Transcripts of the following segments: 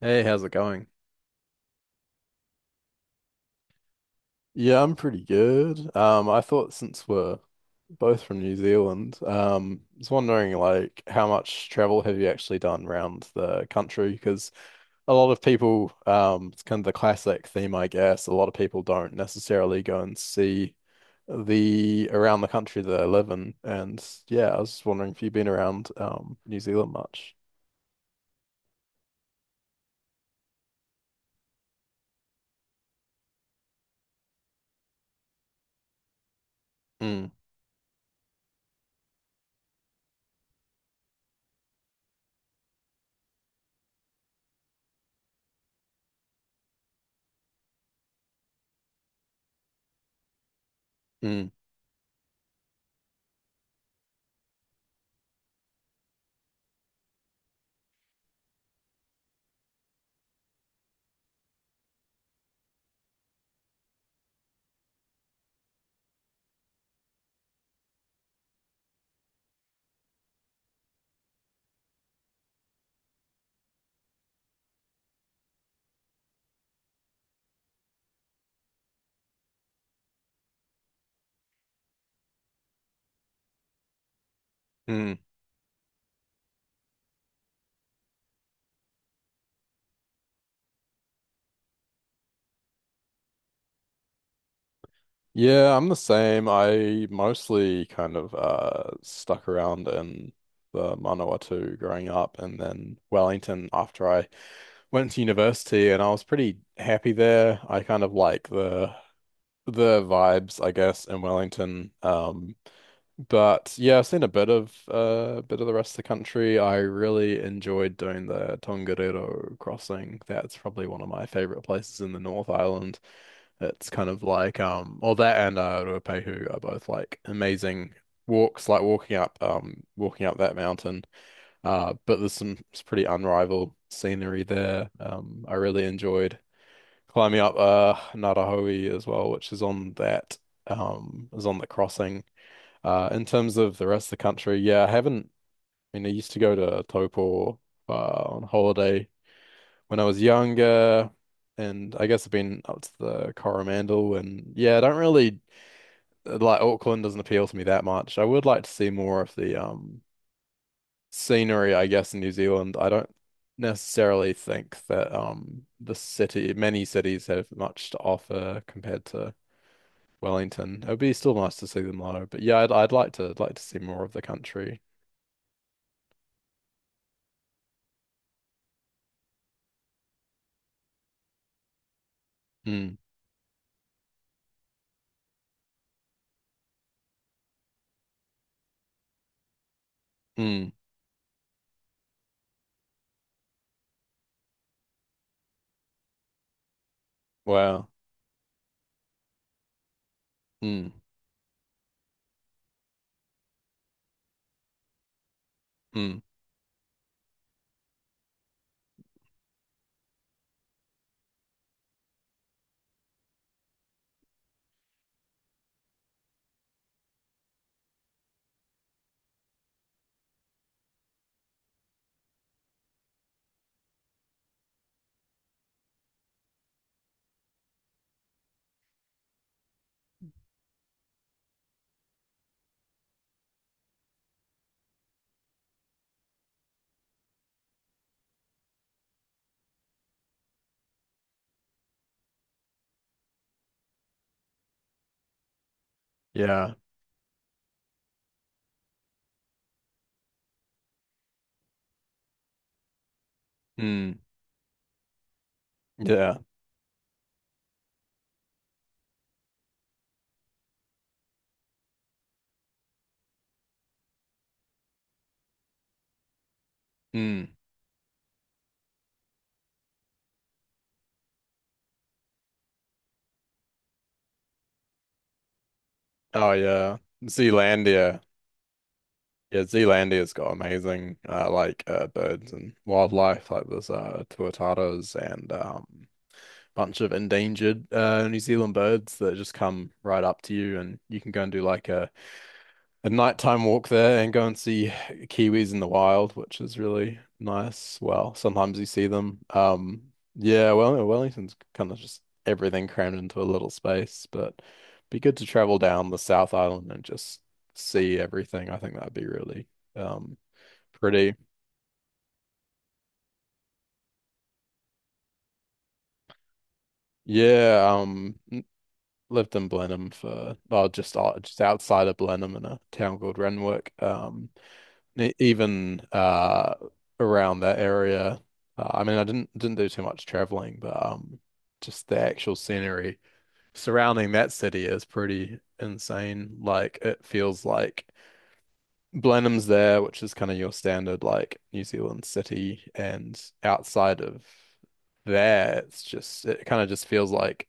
Hey, how's it going? Yeah, I'm pretty good. I thought since we're both from New Zealand, I was wondering like how much travel have you actually done around the country? Because a lot of people, it's kind of the classic theme, I guess. A lot of people don't necessarily go and see the around the country that they live in. And yeah, I was just wondering if you've been around New Zealand much. Mm, mm, mm. Yeah, I'm the same. I mostly kind of stuck around in the Manawatu growing up and then Wellington after I went to university, and I was pretty happy there. I kind of like the vibes, I guess, in Wellington. But yeah, I've seen a bit of bit of the rest of the country. I really enjoyed doing the Tongariro crossing. That's probably one of my favorite places in the North Island. It's kind of like well, that and Ruapehu are both like amazing walks, like walking up that mountain. But there's some it's pretty unrivaled scenery there. I really enjoyed climbing up Narahoe as well, which is on that, is on the crossing. In terms of the rest of the country, yeah, I haven't I mean, I used to go to Taupo on holiday when I was younger, and I guess I've been up to the Coromandel. And yeah, I don't really Auckland doesn't appeal to me that much. I would like to see more of the scenery, I guess, in New Zealand. I don't necessarily think that the city many cities have much to offer compared to Wellington. It would be still nice to see them though. But yeah, I'd like to see more of the country. Mm, mm, wow. Mm, mm, yeah. Mm, yeah. Mm. Oh yeah. Zealandia. Yeah, Zealandia's got amazing like birds and wildlife. Like there's tuatara and bunch of endangered New Zealand birds that just come right up to you, and you can go and do like a nighttime walk there and go and see kiwis in the wild, which is really nice. Well, sometimes you see them. Yeah, well, Wellington's kind of just everything crammed into a little space, but be good to travel down the South Island and just see everything. I think that'd be really um pretty. Yeah, lived in Blenheim for oh just outside of Blenheim in a town called Renwick. Even around that area. I mean, I didn't do too much traveling, but just the actual scenery surrounding that city is pretty insane. Like it feels like Blenheim's there, which is kind of your standard like New Zealand city, and outside of there, it kind of just feels like,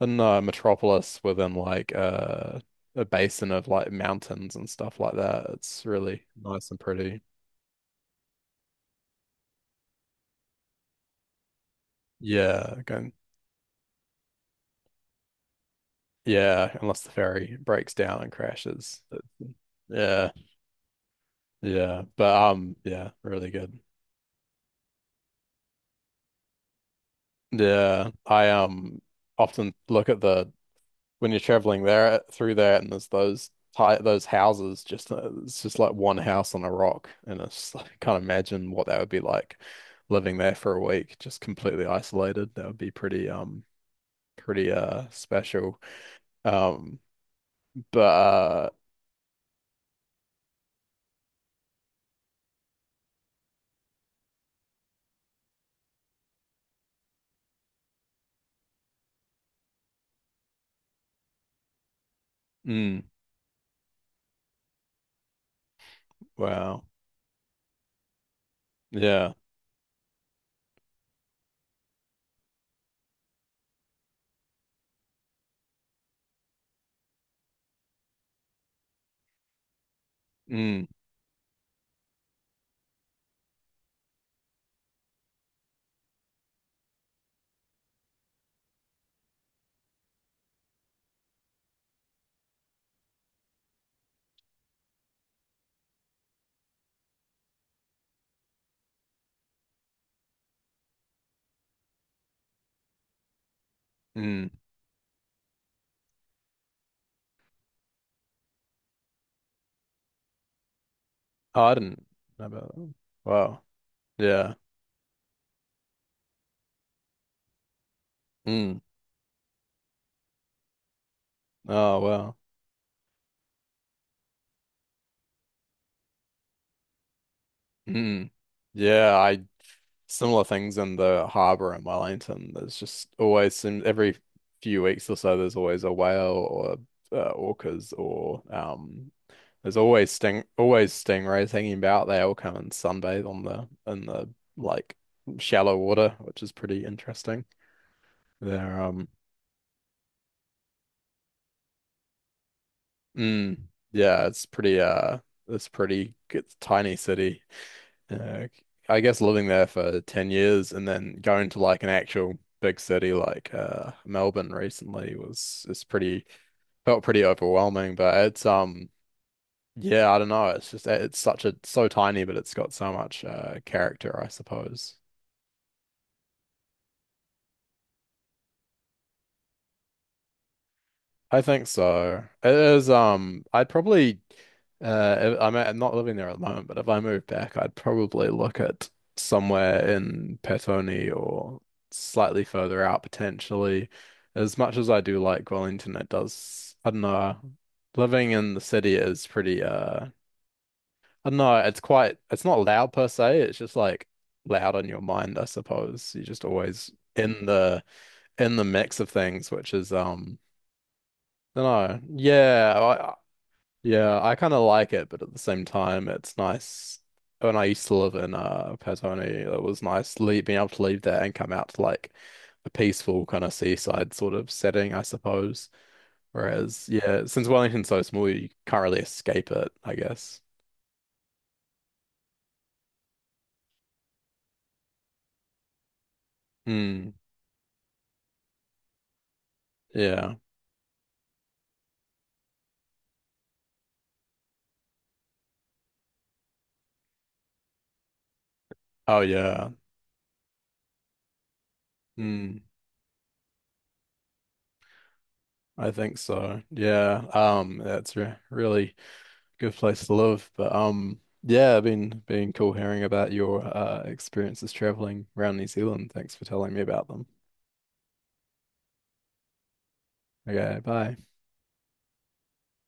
I don't know, a metropolis within like a basin of like mountains and stuff like that. It's really nice and pretty. Yeah, going, yeah, unless the ferry breaks down and crashes. Yeah, yeah, but yeah, really good. Yeah, I often look at the when you're traveling there through there, and there's those those houses just it's just like one house on a rock, and it's just like, I can't imagine what that would be like living there for a week, just completely isolated. That would be pretty pretty special. Um, but Mm, wow, yeah. Mm, mm. Oh, I didn't know about that one. Wow. Yeah. Mm. Oh, wow. Mm. Yeah, I similar things in the harbour in Wellington. There's just always some every few weeks or so there's always a whale or orcas or there's always sting always stingrays hanging about. They all come and sunbathe on the like shallow water, which is pretty interesting. They're um Mm, yeah, it's pretty it's pretty it's a tiny city. Uh, I guess living there for 10 years and then going to like an actual big city like Melbourne recently was it's pretty felt pretty overwhelming, but it's yeah, I don't know, it's just it's such a so tiny, but it's got so much character, I suppose. I think so. It is, I'd probably, I'm not living there at the moment, but if I move back, I'd probably look at somewhere in Petone or slightly further out potentially. As much as I do like Wellington, it does, I don't know, living in the city is pretty, I don't know, it's quite, it's not loud per se, it's just like loud on your mind, I suppose. You're just always in the, in the mix of things, which is, no, yeah, yeah, I kind of like it, but at the same time, it's nice. When I used to live in Patagonia, it was nice being able to leave there and come out to like a peaceful kind of seaside sort of setting, I suppose. Whereas, yeah, since Wellington's so small, you can't really escape it, I guess. Hmm. Yeah. Oh, yeah. Hmm. I think so. Yeah. That's re really. good place to live. But yeah, I've been cool hearing about your experiences traveling around New Zealand. Thanks for telling me about them. Okay, bye.